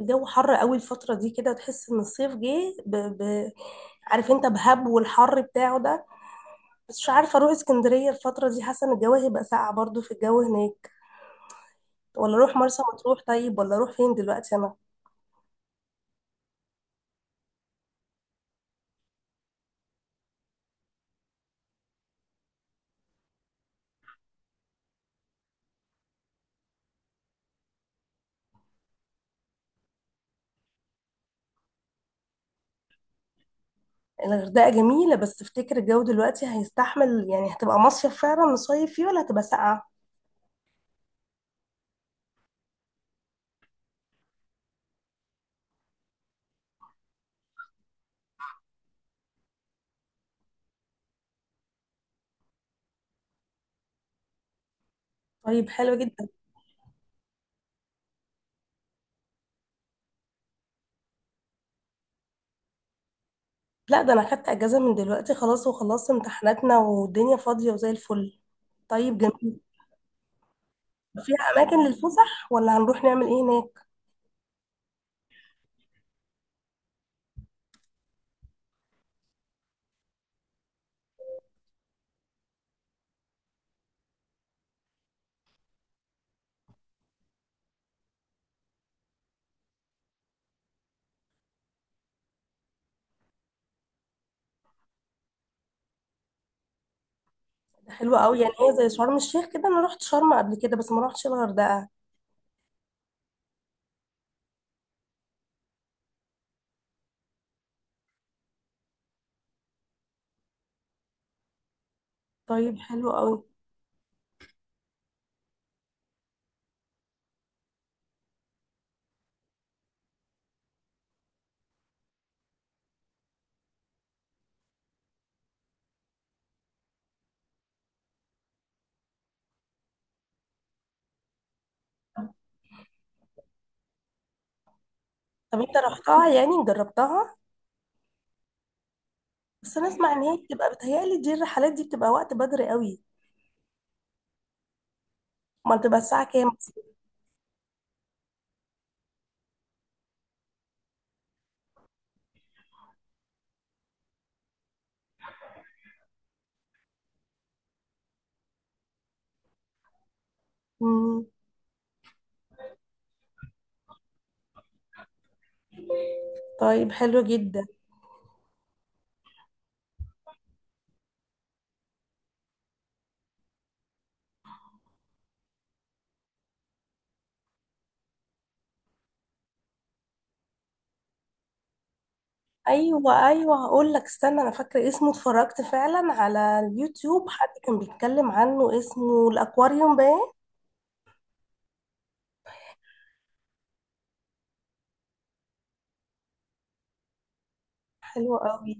الجو حر قوي الفترة دي كده تحس ان الصيف جه عارف انت بهب والحر بتاعه ده. بس مش عارفة اروح اسكندرية الفترة دي، حاسة ان الجو هيبقى ساقع برضو في الجو هناك. ولا اروح مرسى مطروح، طيب ولا اروح فين دلوقتي انا؟ الغردقة جميلة، بس تفتكر الجو دلوقتي هيستحمل؟ يعني هتبقى مصيف فعلا نصيف فيه ولا هتبقى ساقعة؟ طيب حلو جدا. لا ده انا خدت اجازة من دلوقتي خلاص، وخلصت امتحاناتنا والدنيا فاضية وزي الفل. طيب جميل. فيها اماكن للفسح ولا هنروح نعمل ايه هناك؟ حلوة قوي. يعني هي زي شرم الشيخ كده؟ انا رحت شرم قبل كده بس ما رحتش الغردقة. طيب حلو قوي. طب انت رحتها يعني، جربتها؟ بس انا اسمع ان هي بتبقى، بتهيألي دي الرحلات دي بتبقى وقت بدري قوي. ما بتبقى الساعة كام؟ مم. طيب حلو جدا. ايوه ايوه، هقول لك استنى، انا فاكره اسمه. اتفرجت فعلا على اليوتيوب، حد كان بيتكلم عنه، اسمه الاكواريوم باين. حلو قوي.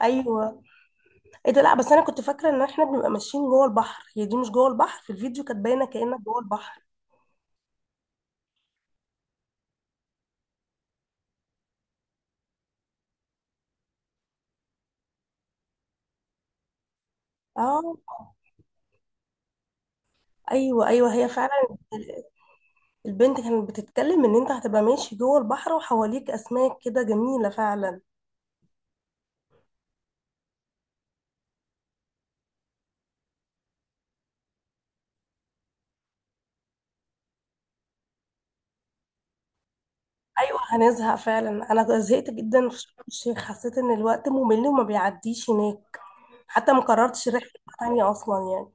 ايوه. ايه ده؟ لا بس انا كنت فاكره ان احنا بنبقى ماشيين جوه البحر. هي دي مش جوه البحر؟ في الفيديو كانت باينه كأنك جوه البحر. اه. ايوه ايوه هي فعلا. البنت كانت بتتكلم ان انت هتبقى ماشي جوه البحر وحواليك اسماك كده، جميله فعلا. ايوه هنزهق فعلا. انا زهقت جدا في شرم الشيخ، حسيت ان الوقت ممل وما بيعديش هناك. حتى ما قررتش رحله تانية اصلا يعني.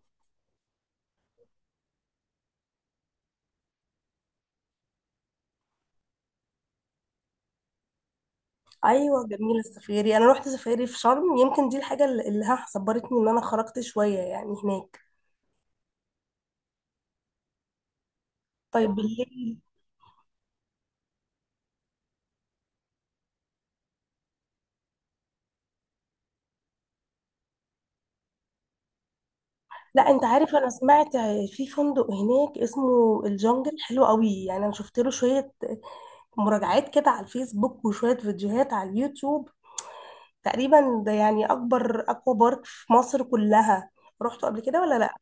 ايوه جميله السفاري، انا رحت سفاري في شرم، يمكن دي الحاجه اللي ها صبرتني ان انا خرجت شويه يعني هناك. طيب بالليل. لا انت عارف، انا سمعت في فندق هناك اسمه الجنجل، حلو قوي يعني. انا شفت له شويه مراجعات كده على الفيسبوك وشوية فيديوهات على اليوتيوب. تقريبا ده يعني أكبر أكوا بارك في مصر كلها. رحتوا قبل كده ولا لأ؟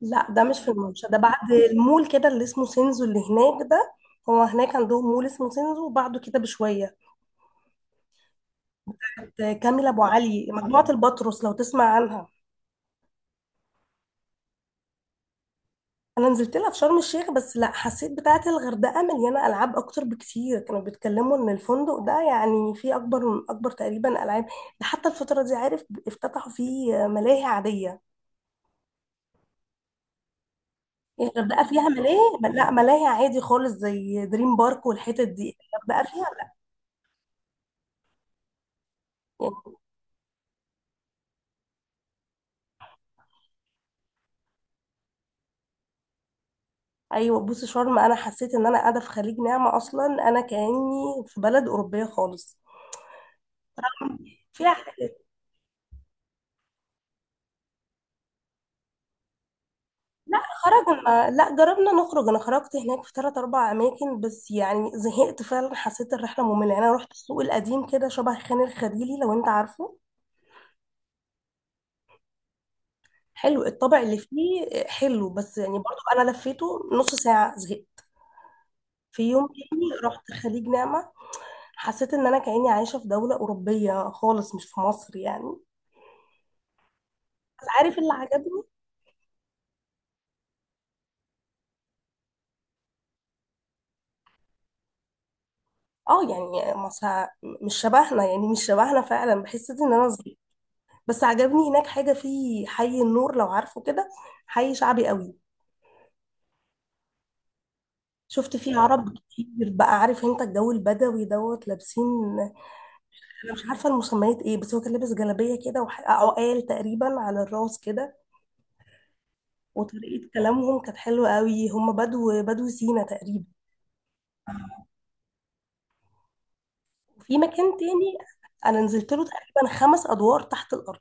لأ ده مش في الممشى، ده بعد المول كده اللي اسمه سينزو اللي هناك ده. هو هناك عندهم مول اسمه سينزو، وبعده كده بشوية. كامل أبو علي، مجموعة البطرس، لو تسمع عنها. انا نزلت لها في شرم الشيخ، بس لا حسيت بتاعه الغردقه مليانه العاب اكتر بكتير. كانوا بيتكلموا ان الفندق ده يعني فيه اكبر من اكبر تقريبا العاب. ده حتى الفتره دي عارف افتتحوا فيه ملاهي عاديه يعني. الغردقه فيها ملاهي. لا ملاهي عادي خالص، زي دريم بارك والحتت دي. الغردقه فيها لا يعني. ايوه بصي شرم، انا حسيت ان انا قاعده في خليج نعمه، اصلا انا كاني في بلد اوروبيه خالص. فيها. لا خرجنا، لا جربنا نخرج، انا خرجت هناك في ثلاث اربع اماكن بس، يعني زهقت فعلا، حسيت الرحله ممله يعني. انا رحت السوق القديم كده، شبه خان الخليلي لو انت عارفه. حلو الطابع اللي فيه حلو، بس يعني برضو انا لفيته نص ساعه زهقت. في يوم تاني رحت خليج نعمة، حسيت ان انا كأني عايشة في دولة أوروبية خالص، مش في مصر يعني. بس عارف اللي عجبني؟ اه يعني مصر مش شبهنا، يعني مش شبهنا فعلا، بحس ان انا صغيرة. بس عجبني هناك حاجة في حي النور، لو عارفه كده، حي شعبي قوي. شفت فيه اه عرب كتير، بقى عارف انت الجو البدوي دوت لابسين. انا مش عارفة المسميات ايه، بس هو كان لابس جلابية كده وح- عقال تقريبا على الراس كده. وطريقة كلامهم كانت حلوة قوي، هم بدو سينا تقريبا. وفي مكان تاني انا نزلت له تقريبا خمس ادوار تحت الارض.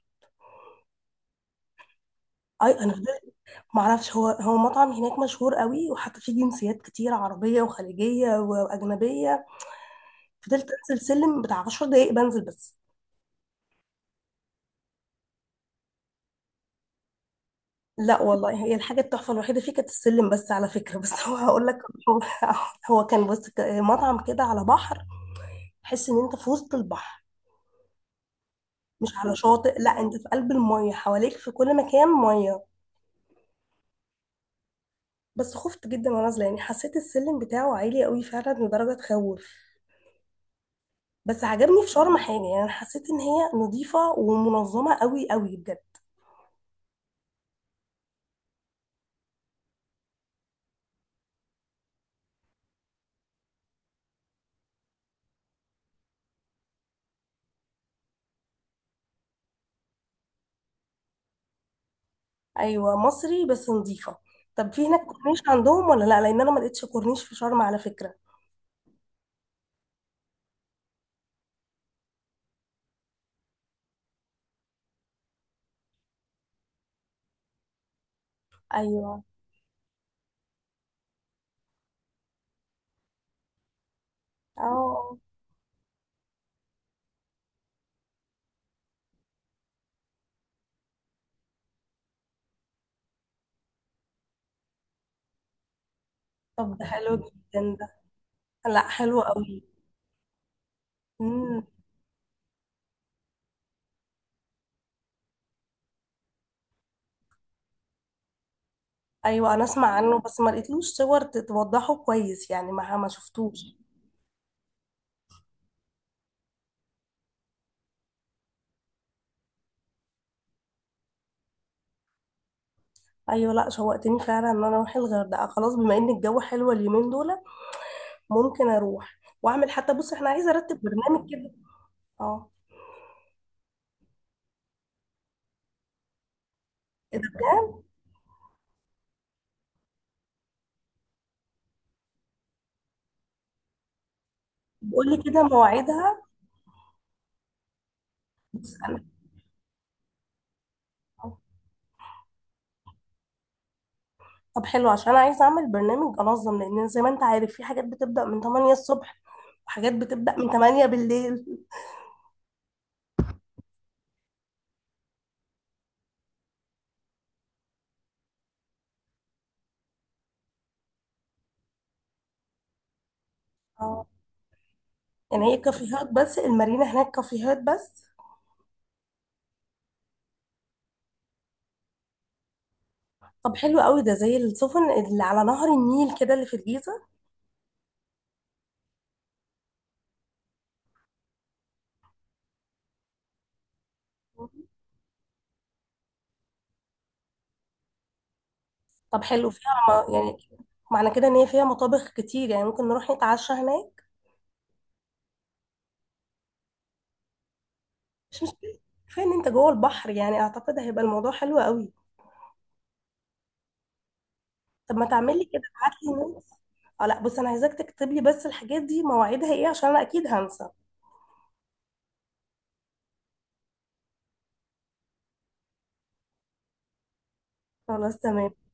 اي انا فضلت، معرفش هو مطعم هناك مشهور قوي، وحتى فيه جنسيات كتير عربية وخليجية واجنبية. فضلت انزل سلم بتاع 10 دقايق بنزل بس. لا والله هي الحاجه التحفه الوحيده فيه كانت السلم بس على فكره. بس هو هقول لك هو، هو كان بس مطعم كده على بحر، تحس ان انت في وسط البحر، مش على شاطئ. لا انت في قلب الميه، حواليك في كل مكان ميه. بس خفت جدا وانا نازله، يعني حسيت السلم بتاعه عالي قوي فعلا لدرجه تخوف. بس عجبني في شرم حاجه، يعني حسيت ان هي نظيفه ومنظمه قوي قوي بجد. ايوه مصري بس نظيفه. طب في هناك كورنيش عندهم ولا لا؟ لان انا ما لقيتش كورنيش في شرم على فكره. ايوه. اه. طب ده حلو جدا ده. لا حلو قوي. امم. ايوه انا اسمع عنه، بس ما لقيتلوش صور توضحه كويس يعني، ما شفتوش. ايوه لا شوقتني فعلا ان انا اروح الغردقه خلاص، بما ان الجو حلو اليومين دول. ممكن اروح واعمل، حتى بص احنا عايزه ارتب برنامج كده. اه. إيه ده؟ بقول لي كده مواعيدها. بس انا. طب حلو عشان انا عايزه اعمل برنامج انظم، لان زي ما انت عارف في حاجات بتبدا من 8 الصبح وحاجات بتبدا من 8 بالليل. اه يعني هي كافيهات بس، المارينا هناك كافيهات بس؟ طب حلو قوي ده، زي السفن اللي على نهر النيل كده اللي في الجيزه. طب حلو فيها. يعني معنى كده ان هي فيها مطابخ كتير، يعني ممكن نروح نتعشى هناك. مش مشكله، كفايه ان انت جوه البحر، يعني اعتقد هيبقى الموضوع حلو قوي. طب ما تعملي كده، ابعت لي. اه لا بص، انا عايزاك تكتب لي بس الحاجات دي مواعيدها ايه، عشان انا اكيد هنسى. خلاص تمام.